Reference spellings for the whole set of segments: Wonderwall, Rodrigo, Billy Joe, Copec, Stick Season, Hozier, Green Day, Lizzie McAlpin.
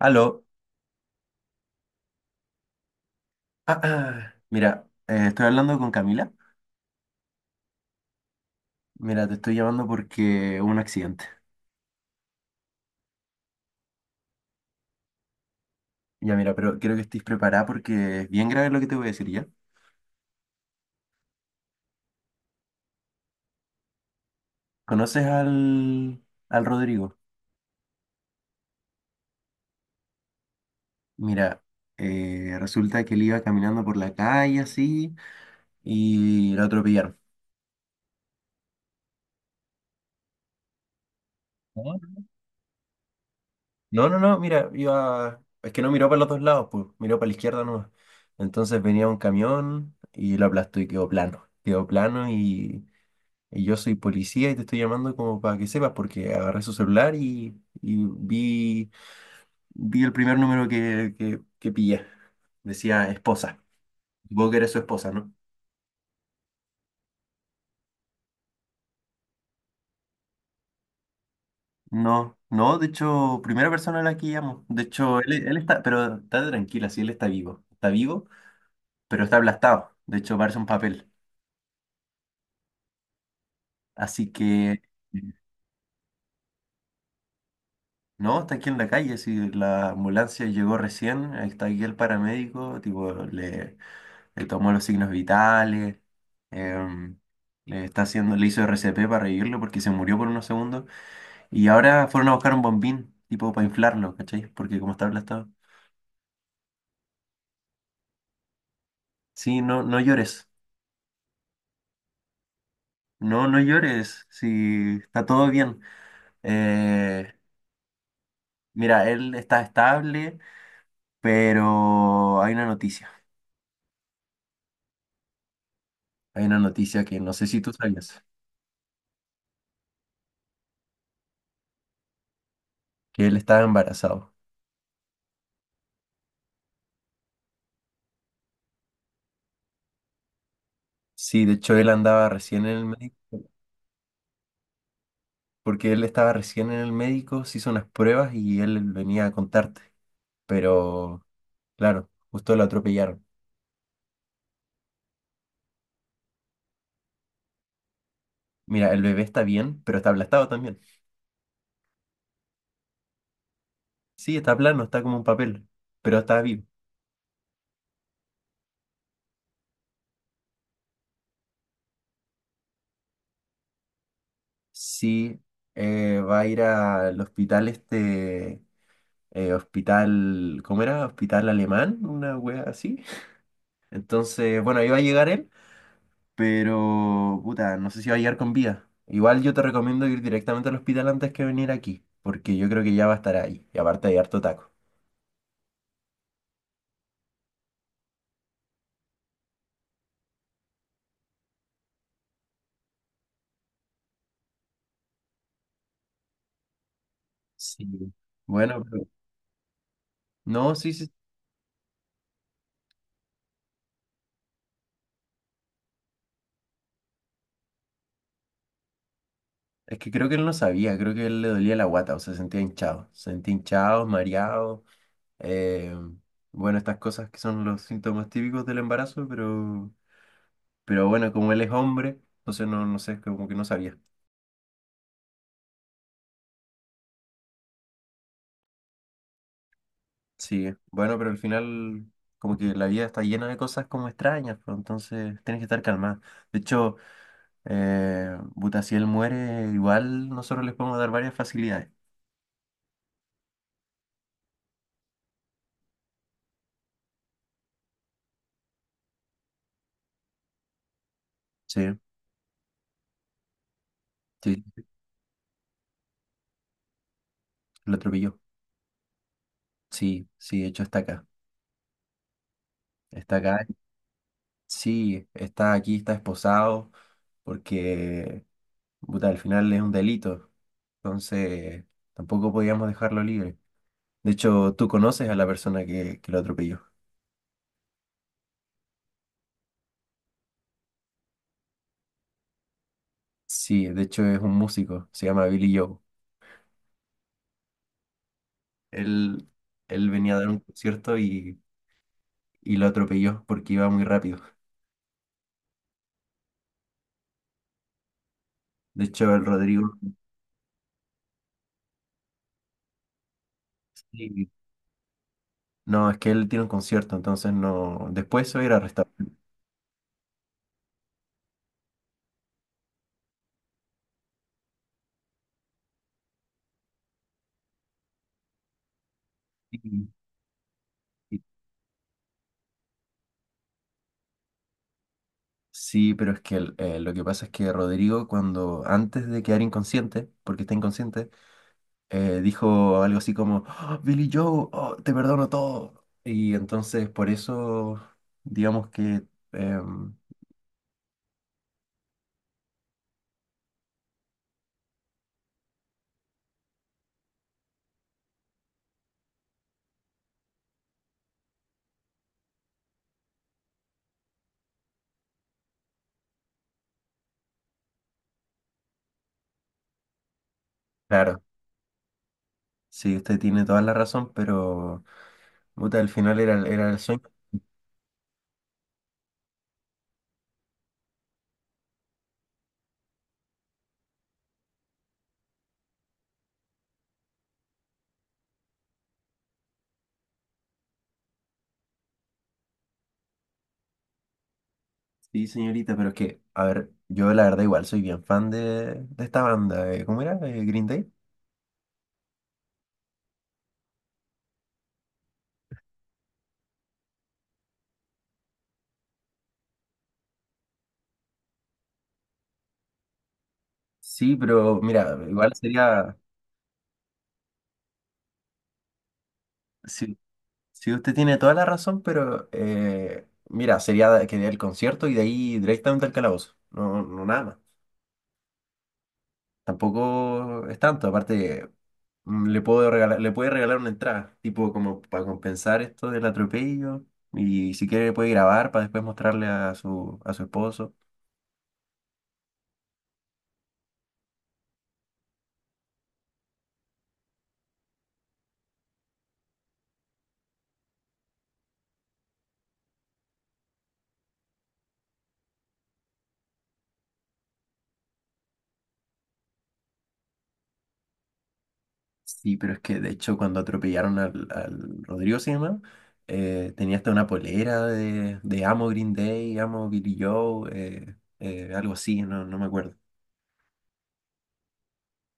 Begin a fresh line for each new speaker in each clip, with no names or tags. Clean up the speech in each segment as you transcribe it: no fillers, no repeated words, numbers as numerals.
Aló. Ah, ah. Mira, estoy hablando con Camila. Mira, te estoy llamando porque hubo un accidente. Ya, mira, pero quiero que estés preparada porque es bien grave lo que te voy a decir, ¿ya? ¿Conoces al Rodrigo? Mira, resulta que él iba caminando por la calle así y lo atropellaron. ¿Ah? No, no, no, mira, Es que no miró para los dos lados, pues, miró para la izquierda nomás. Entonces venía un camión y lo aplastó y quedó plano. Y yo soy policía y te estoy llamando como para que sepas, porque agarré su celular y vi el primer número que pillé. Decía esposa. Supongo que eres su esposa, ¿no? No, no, de hecho, primera persona a la que llamo. De hecho, él está, pero está tranquila, sí, él está vivo. Está vivo, pero está aplastado. De hecho, parece un papel. Así que, no, está aquí en la calle, si la ambulancia llegó recién, está aquí el paramédico, tipo, le tomó los signos vitales, em, le hizo RCP para revivirlo porque se murió por unos segundos y ahora fueron a buscar un bombín, tipo para inflarlo, ¿cachai? Porque como está aplastado. Sí, no, no llores, no, no llores, sí, está todo bien. Eh, mira, él está estable, pero hay una noticia que no sé si tú sabías, que él estaba embarazado. Sí, de hecho él andaba recién en el médico. Porque él estaba recién en el médico, se hizo unas pruebas y él venía a contarte. Pero, claro, justo lo atropellaron. Mira, el bebé está bien, pero está aplastado también. Sí, está plano, está como un papel, pero está vivo. Sí, va a ir al hospital este, hospital, ¿cómo era? Hospital alemán, una wea así. Entonces, bueno, ahí va a llegar él. Pero, puta, no sé si va a llegar con vida. Igual yo te recomiendo ir directamente al hospital antes que venir aquí, porque yo creo que ya va a estar ahí. Y aparte hay harto taco. Sí. Bueno, no, sí, sí. Es que creo que él no sabía, creo que él le dolía la guata, o sea, sentía hinchado. Sentía hinchado, mareado. eh, bueno, estas cosas que son los síntomas típicos del embarazo, pero bueno, como él es hombre, entonces no, no sé, como que no sabía. Sí, bueno, pero al final como que la vida está llena de cosas como extrañas, pues, entonces tienes que estar calmado. De hecho, puta, si él muere, igual nosotros les podemos dar varias facilidades. Sí, sí, lo atropelló. Sí, sí, de hecho está acá. Está acá, sí, está aquí, está esposado, porque puta, al final es un delito. Entonces, tampoco podíamos dejarlo libre. De hecho, tú conoces a la persona que lo atropelló. Sí, de hecho es un músico, se llama Billy Joe. Él, él venía a dar un concierto y lo atropelló porque iba muy rápido. De hecho, el Rodrigo... Sí, no, es que él tiene un concierto, entonces no... Después se va a ir a arrestar. Sí, sí, sí, pero es que lo que pasa es que Rodrigo, cuando antes de quedar inconsciente, porque está inconsciente, dijo algo así como: "Ah, Billy Joe, oh, te perdono todo". Y entonces por eso, digamos que, em, claro, sí, usted tiene toda la razón, pero... Puta, al final era, era el sueño. Sí, señorita, pero es que, a ver, yo la verdad igual soy bien fan de esta banda. ¿Cómo era? ¿Green Day? Sí, pero mira, igual sería, sí, sí, usted tiene toda la razón, pero mira, sería que dé el concierto y de ahí directamente al calabozo. No, no nada más. Tampoco es tanto, aparte le puedo regalar, le puede regalar una entrada, tipo como para compensar esto del atropello. Y si quiere puede grabar para después mostrarle a su esposo. Sí, pero es que de hecho cuando atropellaron al Rodrigo se llama, tenía hasta una polera de Amo Green Day, Amo Billy Joe, algo así, no, no me acuerdo.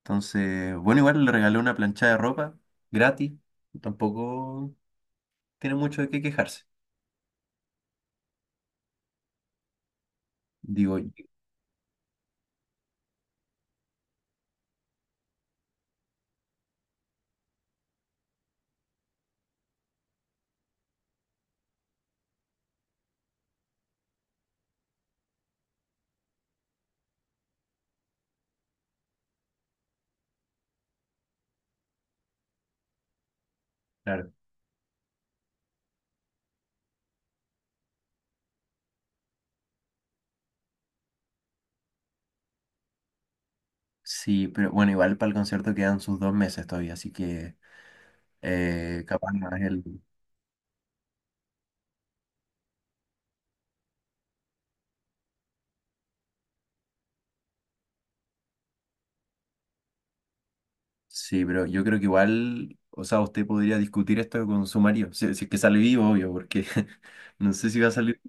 Entonces, bueno, igual le regaló una plancha de ropa gratis, tampoco tiene mucho de qué quejarse, digo, yo. Claro. Sí, pero bueno, igual para el concierto quedan sus 2 meses todavía, así que capaz no es él. Sí, pero yo creo que igual, o sea, usted podría discutir esto con su marido, si es que sale vivo, obvio, porque no sé si va a salir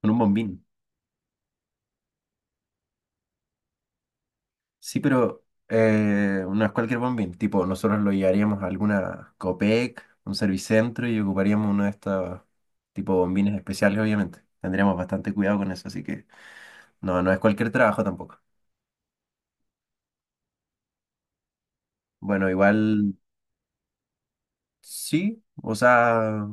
con un bombín. Sí, pero no es cualquier bombín, tipo, nosotros lo llevaríamos a alguna Copec, un servicentro y ocuparíamos uno de estos tipo bombines especiales, obviamente. Tendríamos bastante cuidado con eso, así que no, no es cualquier trabajo tampoco. Bueno, igual sí,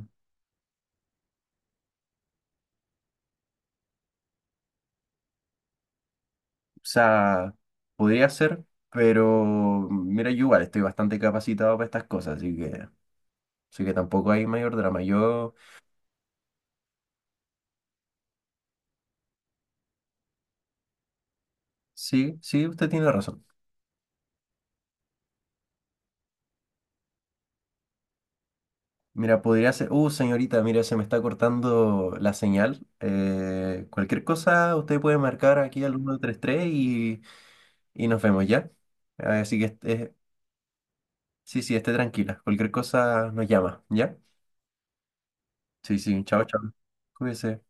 o sea, podría ser, pero mira, yo igual estoy bastante capacitado para estas cosas, así que tampoco hay mayor drama. Yo, sí, sí, usted tiene razón. Mira, podría ser, señorita, mira, se me está cortando la señal. Cualquier cosa, usted puede marcar aquí al 133 y nos vemos, ¿ya? Así que, sí, sí, esté tranquila. Cualquier cosa nos llama, ¿ya? Sí, sí, chao, chao. Cuídese.